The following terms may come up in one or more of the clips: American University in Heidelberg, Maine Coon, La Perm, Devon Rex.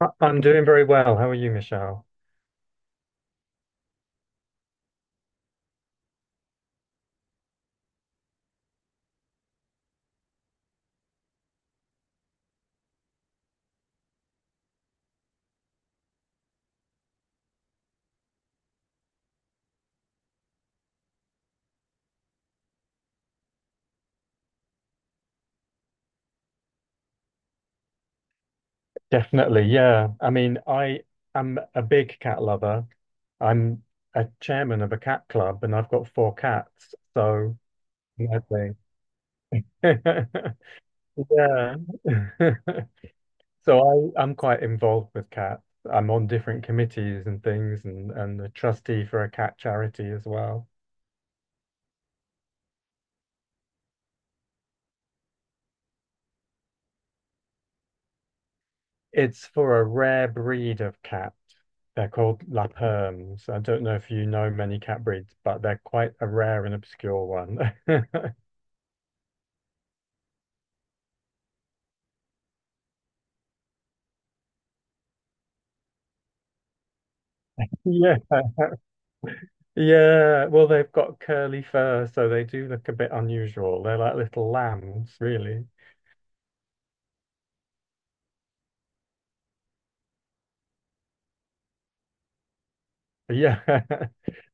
I'm doing very well. How are you, Michelle? Definitely, yeah. I mean, I am a big cat lover. I'm a chairman of a cat club and I've got four cats. So, lovely. Yeah. So I'm quite involved with cats. I'm on different committees and things and a trustee for a cat charity as well. It's for a rare breed of cat. They're called La Perms. I don't know if you know many cat breeds, but they're quite a rare and obscure one. Yeah, yeah. Well, they've got curly fur, so they do look a bit unusual. They're like little lambs, really. Yeah.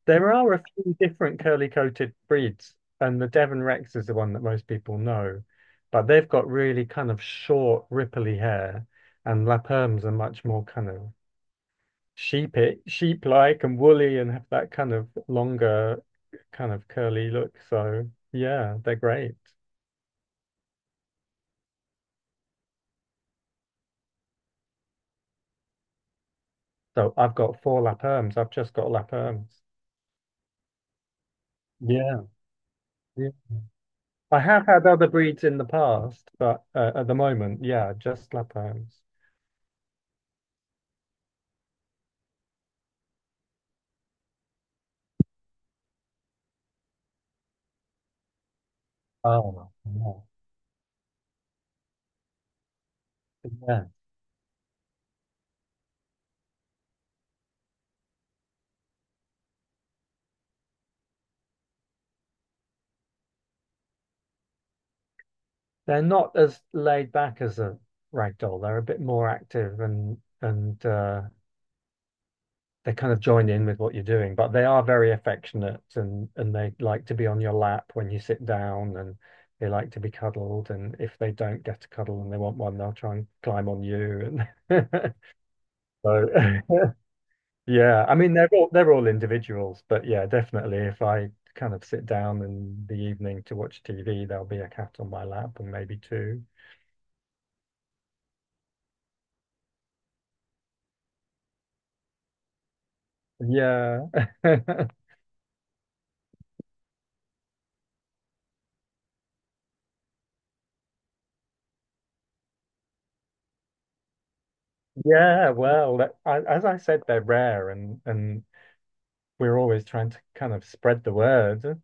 There are a few different curly-coated breeds, and the Devon Rex is the one that most people know. But they've got really kind of short, ripply hair, and La Perms are much more kind of sheep sheep like and woolly and have that kind of longer kind of curly look. So yeah, they're great. So I've got four lap erms. I've just got lap erms. Yeah. Yeah. I have had other breeds in the past, but at the moment, yeah, just lap erms. Oh, yeah. Yeah. They're not as laid back as a ragdoll. They're a bit more active and they kind of join in with what you're doing, but they are very affectionate and they like to be on your lap when you sit down and they like to be cuddled. And if they don't get a cuddle and they want one, they'll try and climb on you. And so yeah, I mean they're all individuals, but yeah, definitely if I kind of sit down in the evening to watch TV, there'll be a cat on my lap and maybe two. Yeah. Yeah, well, that- I, as I said, they're rare and we're always trying to kind of spread the word,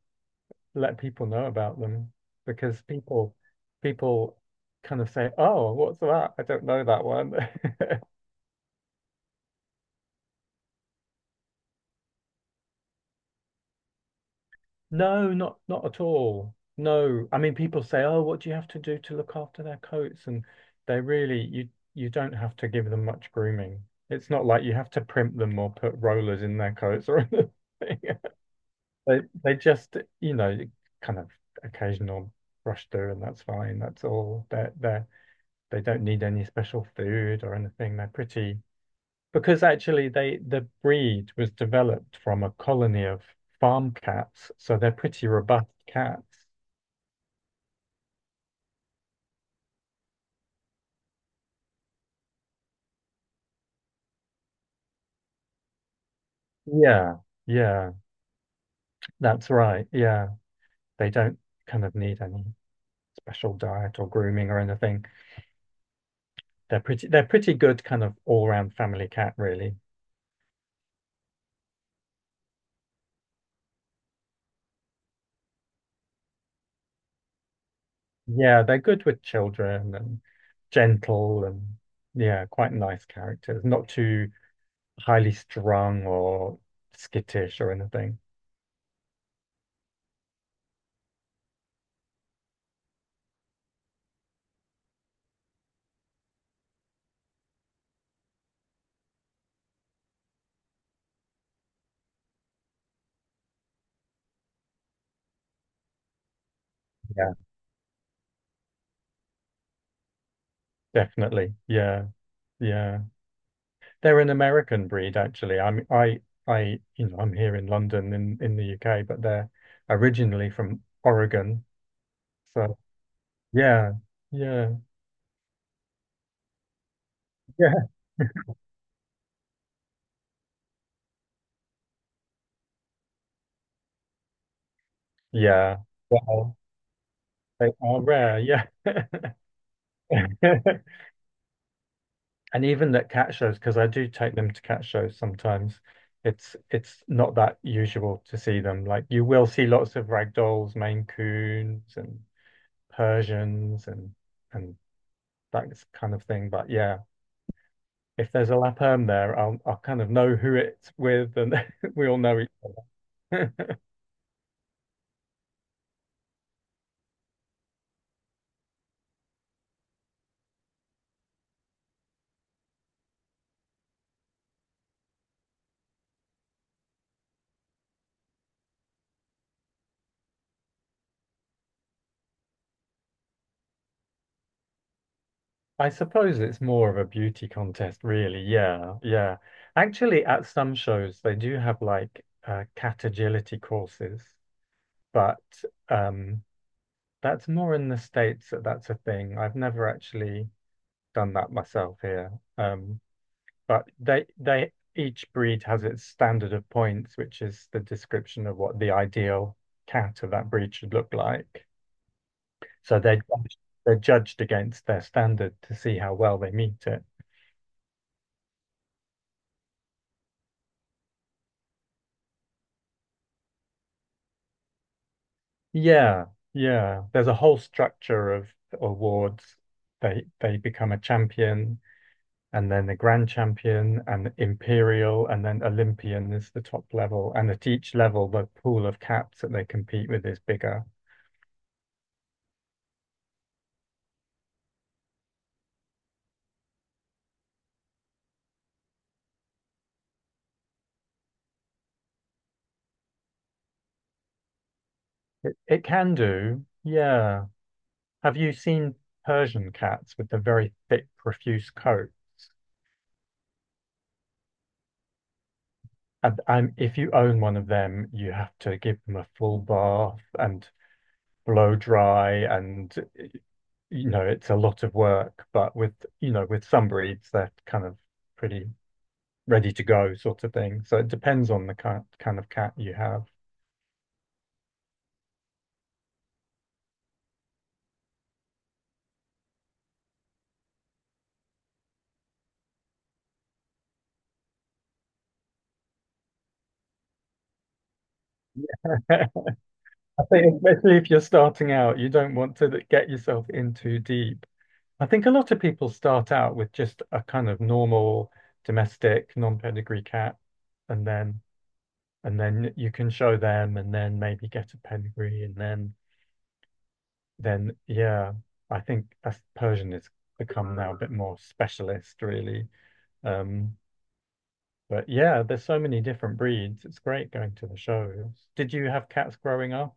let people know about them because people kind of say, "Oh, what's that? I don't know that one." No, not at all. No, I mean people say, "Oh, what do you have to do to look after their coats?" And they really you don't have to give them much grooming. It's not like you have to primp them or put rollers in their coats or anything. They just, you know, kind of occasional brush through and that's fine. That's all. They don't need any special food or anything. They're pretty, because actually the breed was developed from a colony of farm cats, so they're pretty robust cats. Yeah, yeah, that's right. Yeah, they don't kind of need any special diet or grooming or anything. They're pretty good kind of all-round family cat, really. Yeah, they're good with children and gentle and yeah, quite nice characters. Not too highly strung or skittish or anything. Yeah. Definitely. Yeah. Yeah. They're an American breed actually. I you know, I'm here in London in the UK, but they're originally from Oregon. So, yeah. Yeah. Yeah. Yeah. Well, they are rare. Yeah. And even at cat shows, because I do take them to cat shows sometimes, it's not that usual to see them. Like you will see lots of ragdolls, Maine Coons, and Persians, and that kind of thing. But yeah, if there's a lap Lapperm there, I'll kind of know who it's with, and we all know each other. I suppose it's more of a beauty contest, really. Yeah, yeah. Actually, at some shows they do have like cat agility courses, but um that's more in the States, that's a thing. I've never actually done that myself here. Um, but they each breed has its standard of points, which is the description of what the ideal cat of that breed should look like. So they're judged against their standard to see how well they meet it. Yeah, yeah. There's a whole structure of awards. They become a champion, and then the Grand Champion and Imperial, and then Olympian is the top level. And at each level, the pool of caps that they compete with is bigger. It can do, yeah. Have you seen Persian cats with the very thick, profuse coat? And if you own one of them, you have to give them a full bath and blow dry, and you know it's a lot of work. But with you know with some breeds, they're kind of pretty ready to go sort of thing. So it depends on the kind of cat you have. I think especially if you're starting out, you don't want to get yourself in too deep. I think a lot of people start out with just a kind of normal domestic non-pedigree cat, and then and then you can show them, and then maybe get a pedigree, and then yeah, I think as Persian has become now a bit more specialist, really. Um, But yeah, there's so many different breeds. It's great going to the shows. Did you have cats growing up?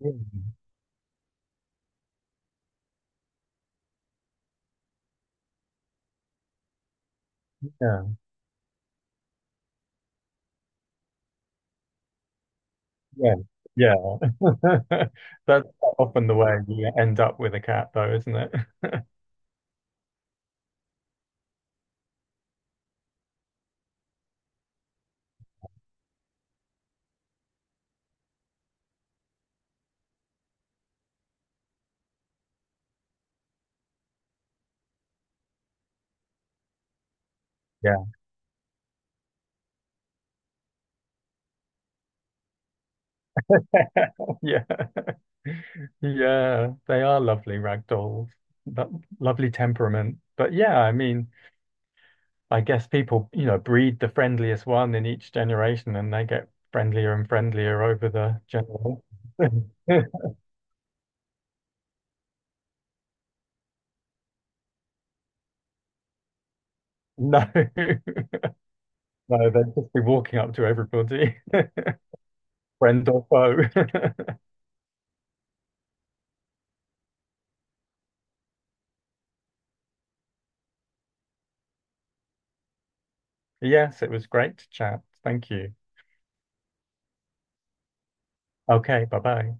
Yeah. Yeah, yeah, yeah. That's often the way you end up with a cat, though, isn't it? Yeah. Yeah, yeah, they are lovely ragdolls, but lovely temperament. But yeah, I mean, I guess people, you know, breed the friendliest one in each generation and they get friendlier and friendlier over the generation. No. No, they'd just be walking up to everybody, friend or foe. Yes, it was great to chat. Thank you. Okay, bye bye.